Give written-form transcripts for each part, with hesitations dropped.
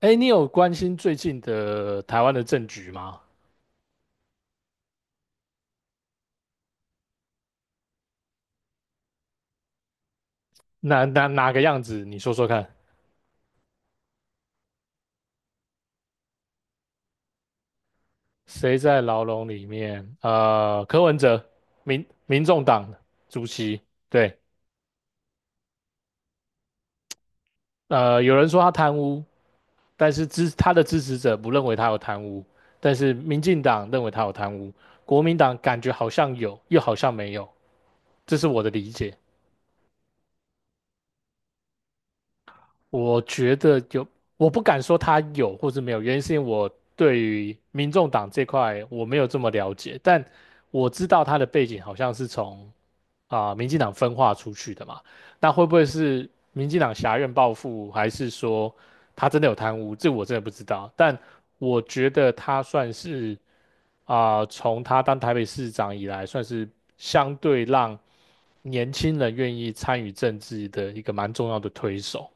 哎，你有关心最近的台湾的政局吗？哪个样子？你说说看，谁在牢笼里面？柯文哲，民众党主席，对，有人说他贪污，但是他的支持者不认为他有贪污，但是民进党认为他有贪污，国民党感觉好像有，又好像没有，这是我的理解。我觉得有，我不敢说他有或是没有，原因是因为我对于民众党这块我没有这么了解，但我知道他的背景好像是从民进党分化出去的嘛，那会不会是民进党挟院报复，还是说他真的有贪污？这我真的不知道，但我觉得他算是从他当台北市长以来，算是相对让年轻人愿意参与政治的一个蛮重要的推手。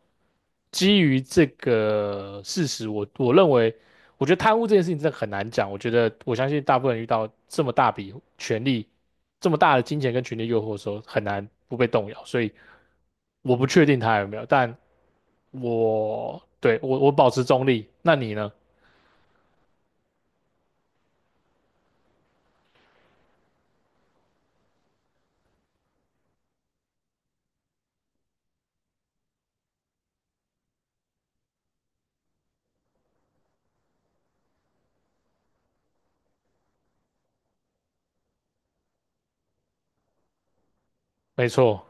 基于这个事实，我认为，我觉得贪污这件事情真的很难讲。我觉得我相信大部分人遇到这么大笔权力、这么大的金钱跟权力诱惑的时候，很难不被动摇。所以我不确定他有没有，但我对我我保持中立。那你呢？没错，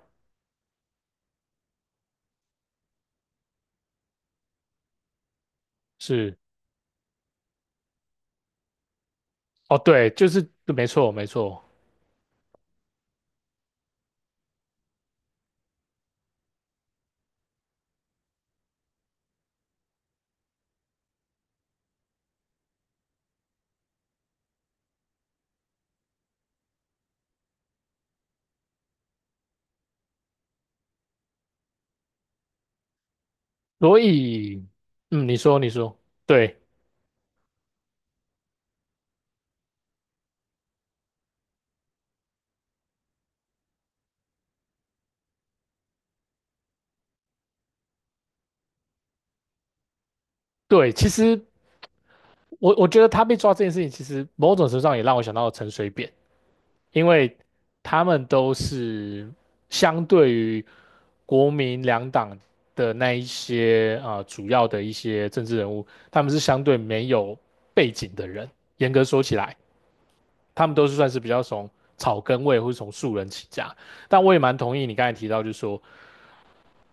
是哦，对，就是没错没错。所以，嗯，你说你说，对对，其实我觉得他被抓这件事情，其实某种程度上也让我想到陈水扁。因为他们都是相对于国民两党的那一些主要的一些政治人物，他们是相对没有背景的人，严格说起来。他们都是算是比较从草根位或是从素人起家。但我也蛮同意你刚才提到，就是说，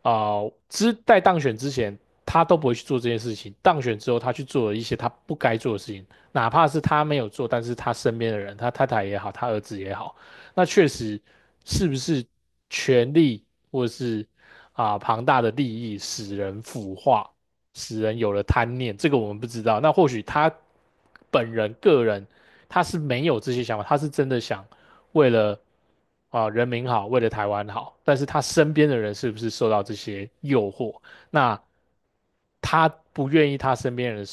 啊、在当选之前，他都不会去做这件事情；当选之后，他去做了一些他不该做的事情，哪怕是他没有做，但是他身边的人，他太太也好，他儿子也好，那确实是不是权力或是庞大的利益使人腐化，使人有了贪念，这个我们不知道。那或许他本人个人他是没有这些想法，他是真的想为了人民好，为了台湾好，但是他身边的人是不是受到这些诱惑？那他不愿意他身边人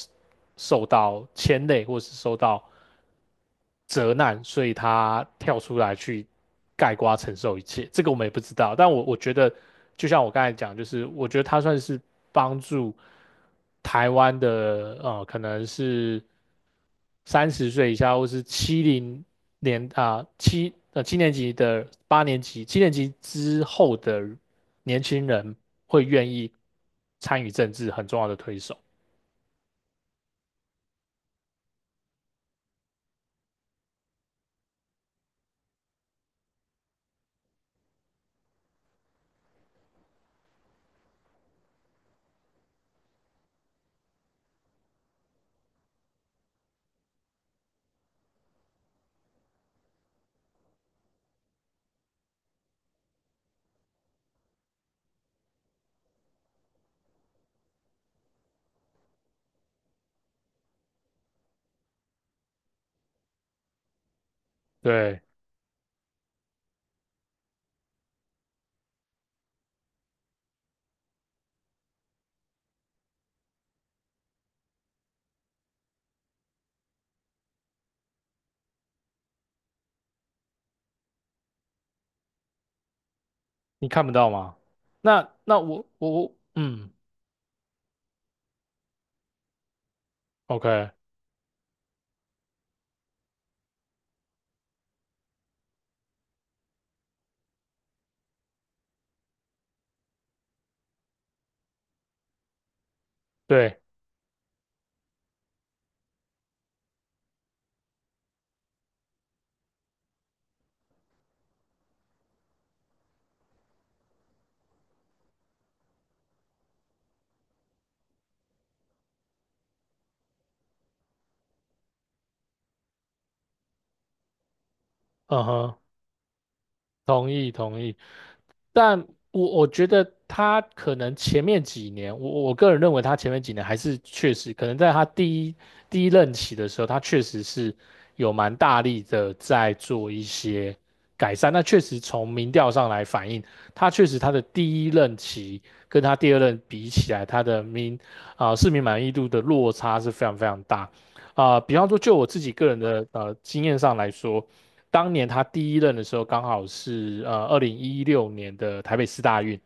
受到牵累，或是受到责难，所以他跳出来去盖瓜承受一切。这个我们也不知道，但我觉得，就像我刚才讲，就是我觉得他算是帮助台湾的可能是30岁以下或是七零年啊七呃七年级的八年级七年级之后的年轻人会愿意参与政治很重要的推手。对，你看不到吗？那我嗯，OK，对，嗯哼，同意同意。但我觉得他可能前面几年，我个人认为他前面几年还是确实可能在他第一任期的时候，他确实是有蛮大力的在做一些改善。那确实从民调上来反映，他确实他的第一任期跟他第二任比起来，他的市民满意度的落差是非常非常大。比方说就我自己个人的经验上来说。当年他第一任的时候，刚好是2016年的台北市大运，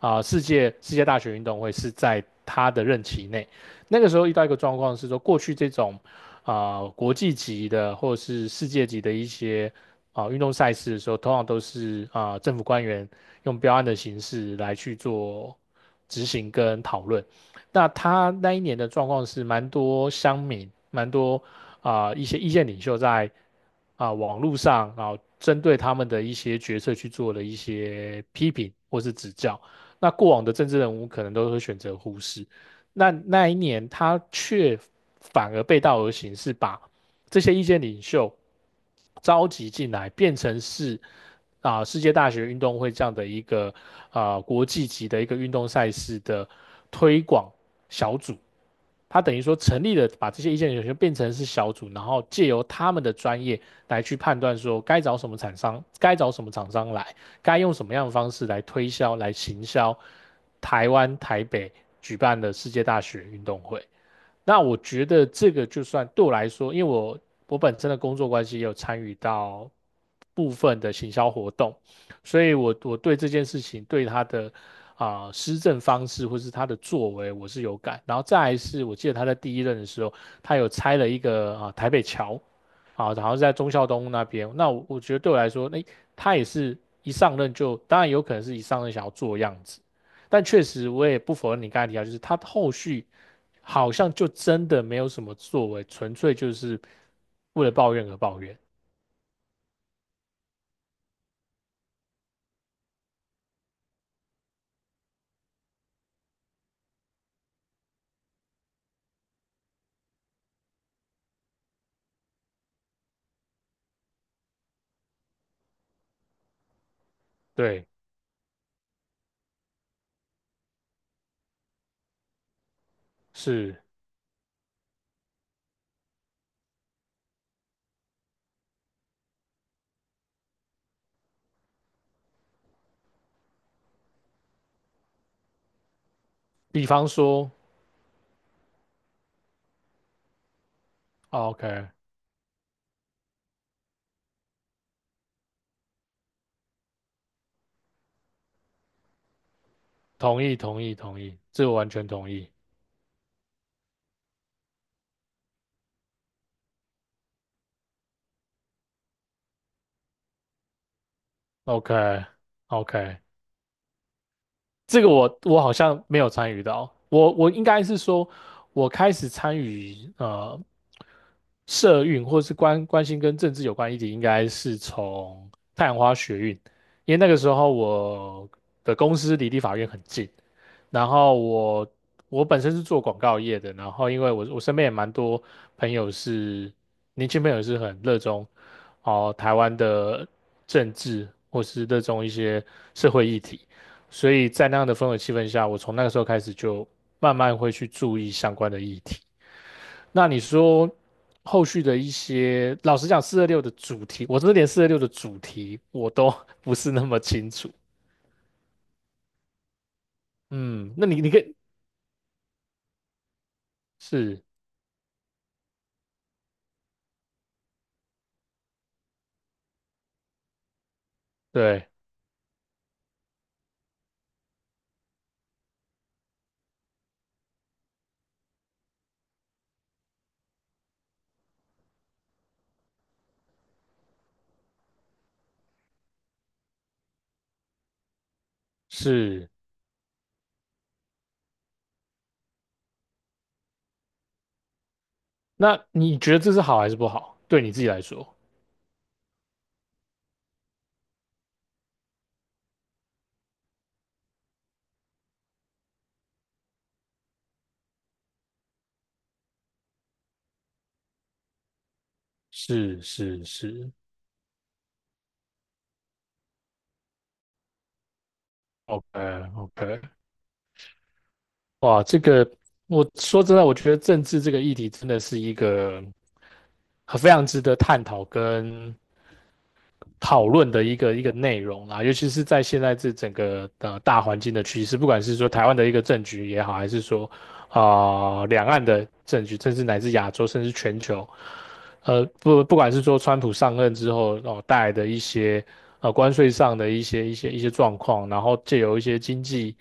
世界大学运动会是在他的任期内。那个时候遇到一个状况是说，过去这种国际级的或者是世界级的一些运动赛事的时候，通常都是政府官员用标案的形式来去做执行跟讨论。那他那一年的状况是，蛮多乡民，蛮多一些意见领袖在网络上，然后针对他们的一些决策去做了一些批评或是指教。那过往的政治人物可能都会选择忽视。那一年他却反而背道而行，是把这些意见领袖召集进来，变成是世界大学运动会这样的一个国际级的一个运动赛事的推广小组。他等于说成立了，把这些意见领袖变成是小组，然后借由他们的专业来去判断说该找什么厂商，该找什么厂商来。该用什么样的方式来推销、来行销台湾台北举办的世界大学运动会。那我觉得这个就算对我来说，因为我本身的工作关系也有参与到部分的行销活动，所以我对这件事情对他的施政方式或是他的作为我是有感。然后再来是我记得他在第一任的时候，他有拆了一个台北桥，好，然后是在忠孝东路那边。那我觉得对我来说，那、他也是一上任就，当然有可能是一上任想要做样子，但确实我也不否认你刚才提到，就是他后续好像就真的没有什么作为，纯粹就是为了抱怨而抱怨。对，是，比方说 o k 同意，同意，同意，这个完全同意。OK，OK，这个我好像没有参与到，我应该是说，我开始参与。社运或是关心跟政治有关议题，应该是从太阳花学运，因为那个时候我的公司离立法院很近，然后我本身是做广告业的，然后因为我身边也蛮多朋友是年轻朋友是很热衷哦台湾的政治或是热衷一些社会议题，所以在那样的氛围气氛下，我从那个时候开始就慢慢会去注意相关的议题。那你说后续的一些，老实讲，四二六的主题，我真的连四二六的主题我都 不是那么清楚。嗯，那你可以是，对，是。那你觉得这是好还是不好？对你自己来说，是是是，OK OK。哇，这个我说真的，我觉得政治这个议题真的是一个很非常值得探讨跟讨论的一个一个内容啦，尤其是在现在这整个大环境的趋势，不管是说台湾的一个政局也好，还是说两岸的政局，甚至乃至亚洲，甚至全球，不管是说川普上任之后带来的一些关税上的一些状况，然后借由一些经济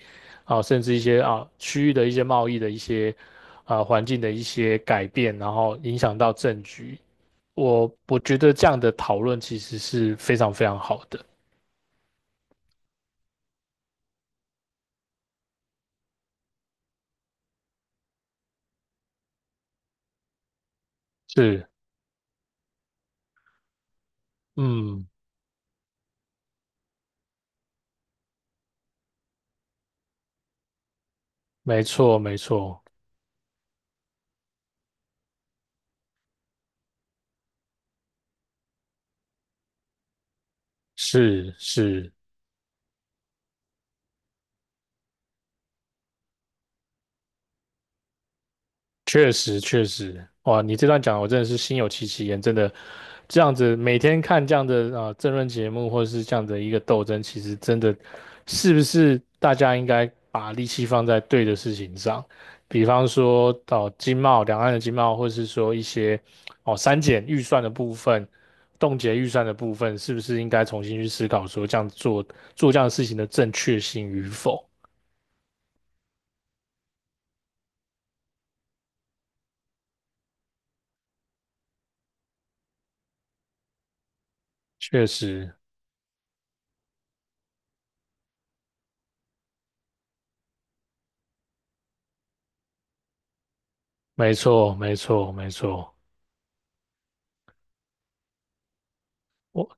甚至一些区域的一些贸易的一些环境的一些改变，然后影响到政局，我觉得这样的讨论其实是非常非常好的。是，嗯，没错，没错，是是。确实，确实，哇！你这段讲，我真的是心有戚戚焉。真的，这样子每天看这样的政论节目，或者是这样的一个斗争，其实真的是不是大家应该把力气放在对的事情上？比方说到，两岸的经贸，或是说一些哦删减预算的部分、冻结预算的部分，是不是应该重新去思考说这样做这样的事情的正确性与否？确实，没错，没错，没错。我。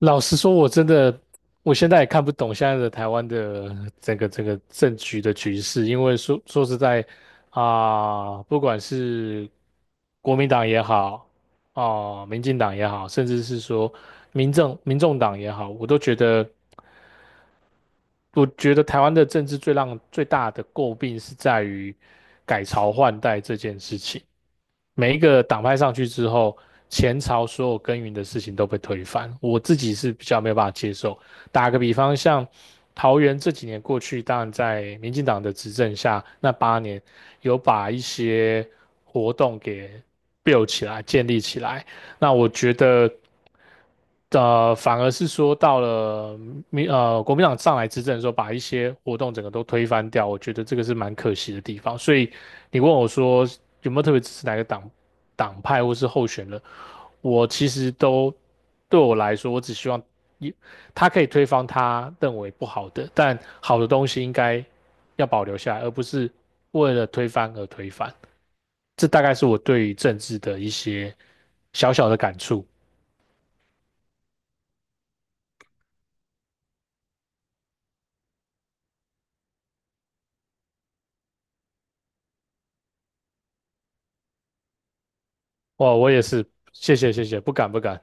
老实说，我真的，我现在也看不懂现在的台湾的这个政局的局势，因为说实在不管是国民党也好，哦、民进党也好，甚至是说民众党也好，我觉得台湾的政治最大的诟病是在于改朝换代这件事情。每一个党派上去之后，前朝所有耕耘的事情都被推翻，我自己是比较没有办法接受。打个比方，像桃园这几年过去，当然在民进党的执政下，那八年有把一些活动给 build 起来、建立起来。那我觉得。反而是说到了国民党上来执政的时候，把一些活动整个都推翻掉，我觉得这个是蛮可惜的地方。所以你问我说有没有特别支持哪个党派或是候选人，我其实都对我来说，我只希望一他可以推翻他认为不好的，但好的东西应该要保留下来，而不是为了推翻而推翻。这大概是我对于政治的一些小小的感触。哇，我也是，谢谢谢谢，不敢不敢。